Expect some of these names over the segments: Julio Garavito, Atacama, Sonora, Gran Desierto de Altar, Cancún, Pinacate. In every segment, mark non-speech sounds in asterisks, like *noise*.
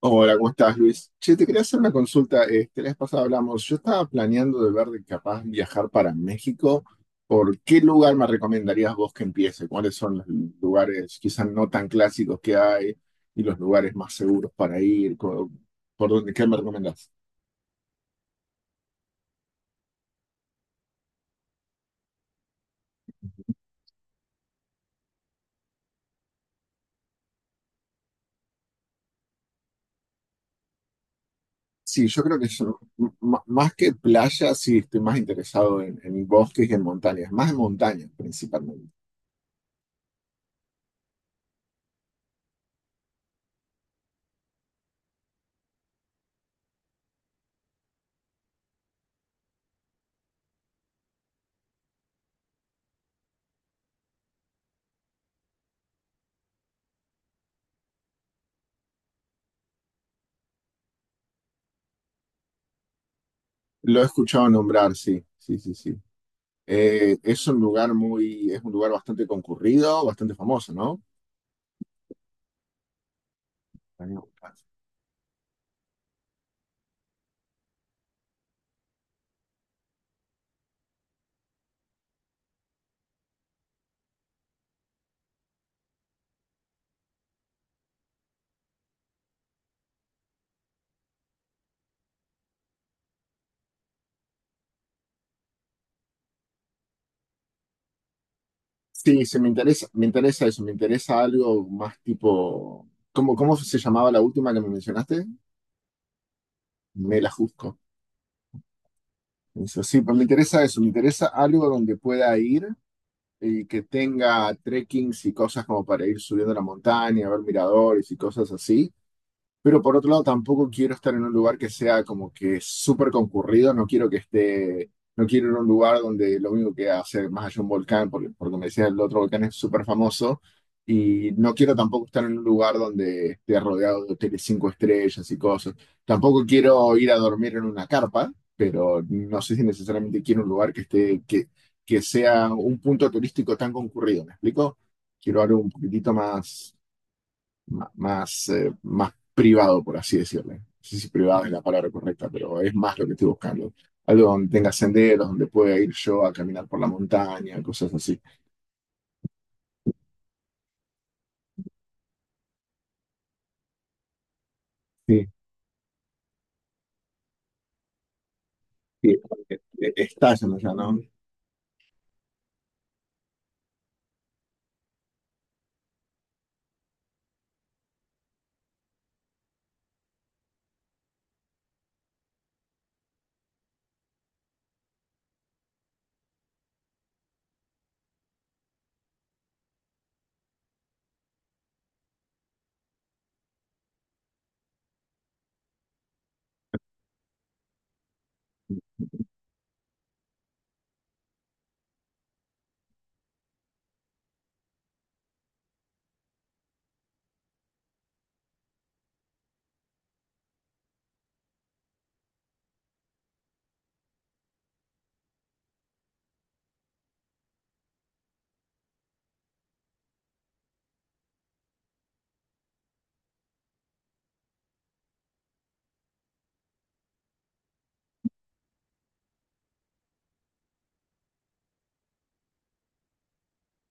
Hola, ¿cómo estás, Luis? Che, te quería hacer una consulta. La vez pasada hablamos, yo estaba planeando de ver de capaz viajar para México. ¿Por qué lugar me recomendarías vos que empiece? ¿Cuáles son los lugares quizás no tan clásicos que hay y los lugares más seguros para ir? ¿Por dónde? ¿Qué me recomendás? Sí, yo creo que más que playas. Sí estoy más interesado en bosques y en montañas, más en montañas principalmente. Lo he escuchado nombrar, sí, sí, sí, sí. Es un lugar bastante concurrido, bastante famoso, ¿no? Sí, sí, me interesa eso, me interesa algo más tipo. ¿Cómo se llamaba la última que me mencionaste? Me la juzgo. Eso, sí, pues me interesa eso, me interesa algo donde pueda ir y que tenga trekkings y cosas como para ir subiendo la montaña, ver miradores y cosas así. Pero por otro lado, tampoco quiero estar en un lugar que sea como que súper concurrido. No quiero ir a un lugar donde lo único que hace más allá un volcán, porque me decía el otro volcán es súper famoso. Y no quiero tampoco estar en un lugar donde esté rodeado de hoteles cinco estrellas y cosas. Tampoco quiero ir a dormir en una carpa, pero no sé si necesariamente quiero un lugar que sea un punto turístico tan concurrido. ¿Me explico? Quiero algo un poquitito más privado, por así decirlo. No sé si privado es la palabra correcta, pero es más lo que estoy buscando. Algo donde tenga senderos, donde pueda ir yo a caminar por la montaña, cosas así. Sí, sí, está yendo, ¿no?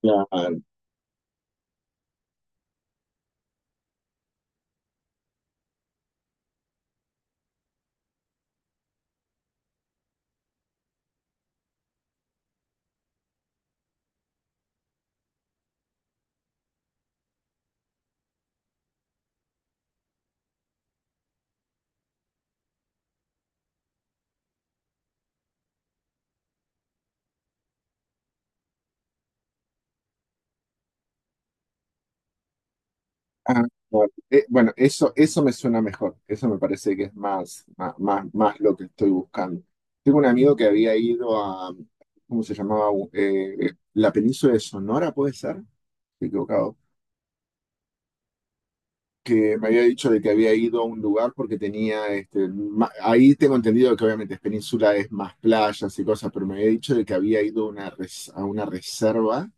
Claro. Ah, claro. Bueno, eso me suena mejor. Eso me parece que es más lo que estoy buscando. Tengo un amigo que había ido a, ¿cómo se llamaba? La península de Sonora, ¿puede ser? Estoy equivocado. Que me había dicho de que había ido a un lugar porque tenía, ahí tengo entendido que obviamente es península, es más playas y cosas, pero me había dicho de que había ido a a una reserva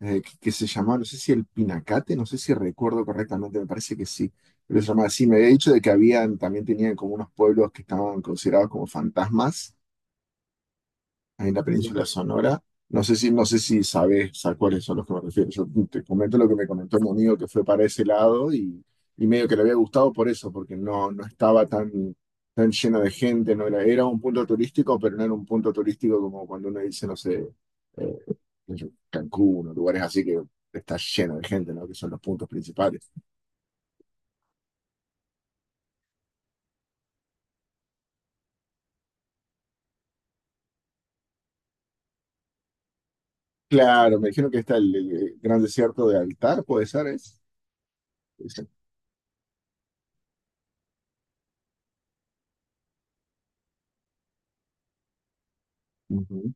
que se llamaba, no sé si el Pinacate, no sé si recuerdo correctamente, me parece que sí, pero se llamaba así, me había dicho de que habían, también tenían como unos pueblos que estaban considerados como fantasmas en la península Sonora. No sé si sabes a cuáles son los que me refiero. Yo te comento lo que me comentó mi amigo que fue para ese lado, y medio que le había gustado por eso, porque no, no estaba tan lleno de gente, no era, era un punto turístico, pero no era un punto turístico como cuando uno dice, no sé, eh, Cancún o lugares así que está lleno de gente, ¿no? Que son los puntos principales. Claro, me dijeron que está el Gran Desierto de Altar, puede ser, es. Ese. Ujú,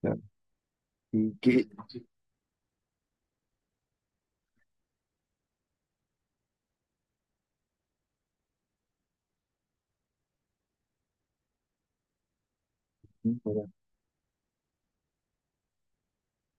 claro. ¿Y qué?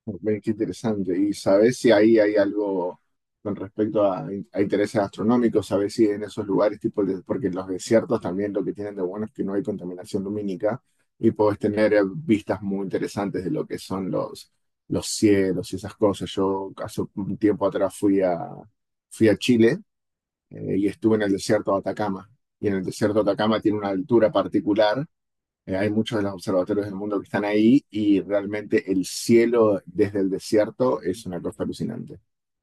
Ve, qué interesante. ¿Y sabes si ahí hay algo con respecto a intereses astronómicos? ¿Sabes si en esos lugares, tipo, porque en los desiertos también lo que tienen de bueno es que no hay contaminación lumínica y puedes tener vistas muy interesantes de lo que son los cielos y esas cosas? Yo hace un tiempo atrás fui a Chile y estuve en el desierto de Atacama. Y en el desierto de Atacama tiene una altura particular. Eh, hay muchos de los observatorios del mundo que están ahí y realmente el cielo desde el desierto es una cosa alucinante,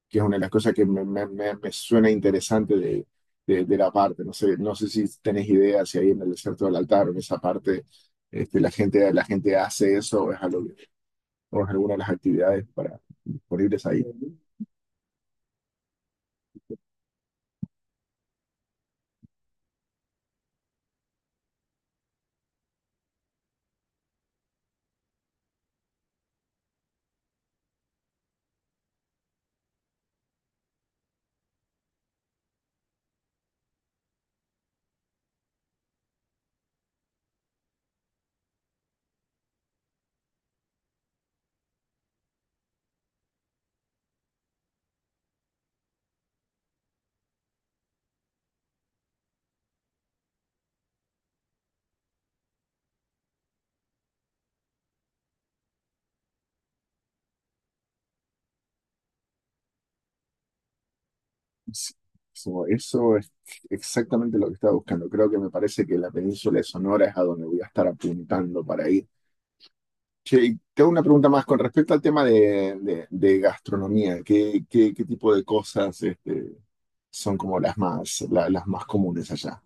que es una de las cosas que me suena interesante de la parte. No sé si tenés idea si ahí en el desierto del altar o en esa parte la gente hace eso o es alguna de las actividades para, disponibles ahí. Sí, eso es exactamente lo que estaba buscando. Creo que me parece que la península de Sonora es a donde voy a estar apuntando para ir. Che, y te hago una pregunta más con respecto al tema de gastronomía. ¿Qué tipo de cosas son como las más comunes allá?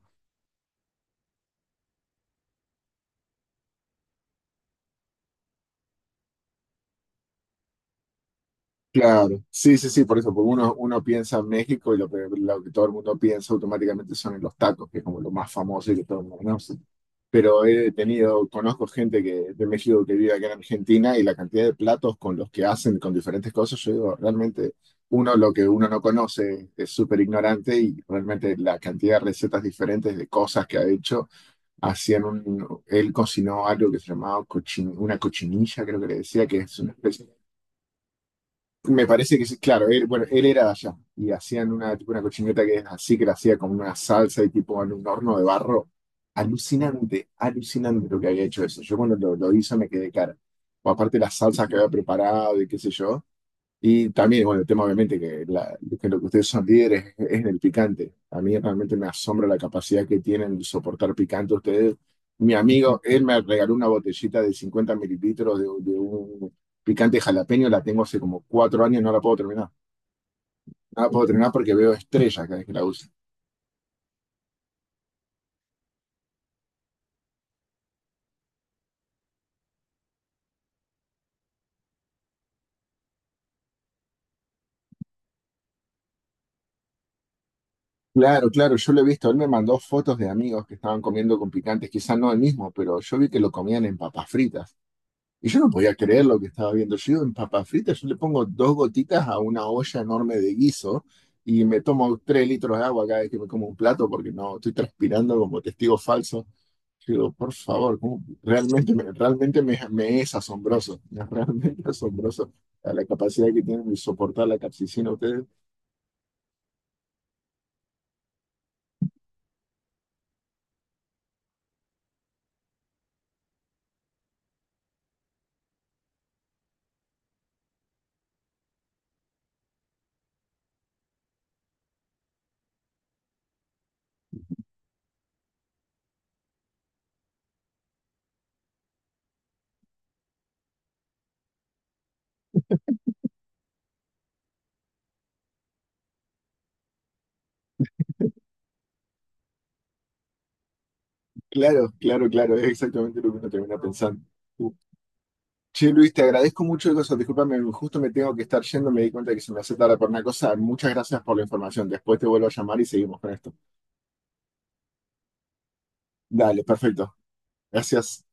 Claro, sí, sí, sí, por eso, porque uno piensa en México y lo que todo el mundo piensa automáticamente son en los tacos, que es como lo más famoso y que todo el mundo conoce. Pero conozco gente que, de México, que vive acá en Argentina, y la cantidad de platos con los que hacen, con diferentes cosas, yo digo, realmente uno lo que uno no conoce es súper ignorante, y realmente la cantidad de recetas diferentes de cosas que ha hecho, hacían él cocinó algo que se llamaba una cochinilla, creo que le decía, que es una especie. Me parece que sí, claro, él, bueno, él era de allá y hacían una, tipo una cochineta que es así, que la hacía como una salsa y tipo en un horno de barro. Alucinante, alucinante lo que había hecho eso. Yo cuando lo hice me quedé cara. O aparte las salsas que había preparado y qué sé yo. Y también, bueno, el tema obviamente que lo que ustedes son líderes es, en el picante. A mí realmente me asombra la capacidad que tienen de soportar picante ustedes. Mi amigo, él me regaló una botellita de 50 mililitros de un picante jalapeño, la tengo hace como 4 años, no la puedo terminar. No la puedo terminar porque veo estrellas cada vez que la uso. Claro, claro, yo lo he visto. Él me mandó fotos de amigos que estaban comiendo con picantes, quizás no el mismo, pero yo vi que lo comían en papas fritas. Y yo no podía creer lo que estaba viendo. Yo digo, en papas fritas yo le pongo dos gotitas a una olla enorme de guiso y me tomo 3 litros de agua cada vez que me como un plato, porque no, estoy transpirando como testigo falso. Yo digo, por favor, ¿cómo? Realmente me es asombroso, *laughs* es realmente asombroso a la capacidad que tienen de soportar la capsicina ustedes. Claro, claro, claro, es exactamente lo que uno termina pensando. Che, Luis, te agradezco mucho de eso. Discúlpame, justo me tengo que estar yendo. Me di cuenta que se me hace tarde por una cosa. Muchas gracias por la información. Después te vuelvo a llamar y seguimos con esto. Dale, perfecto. Gracias.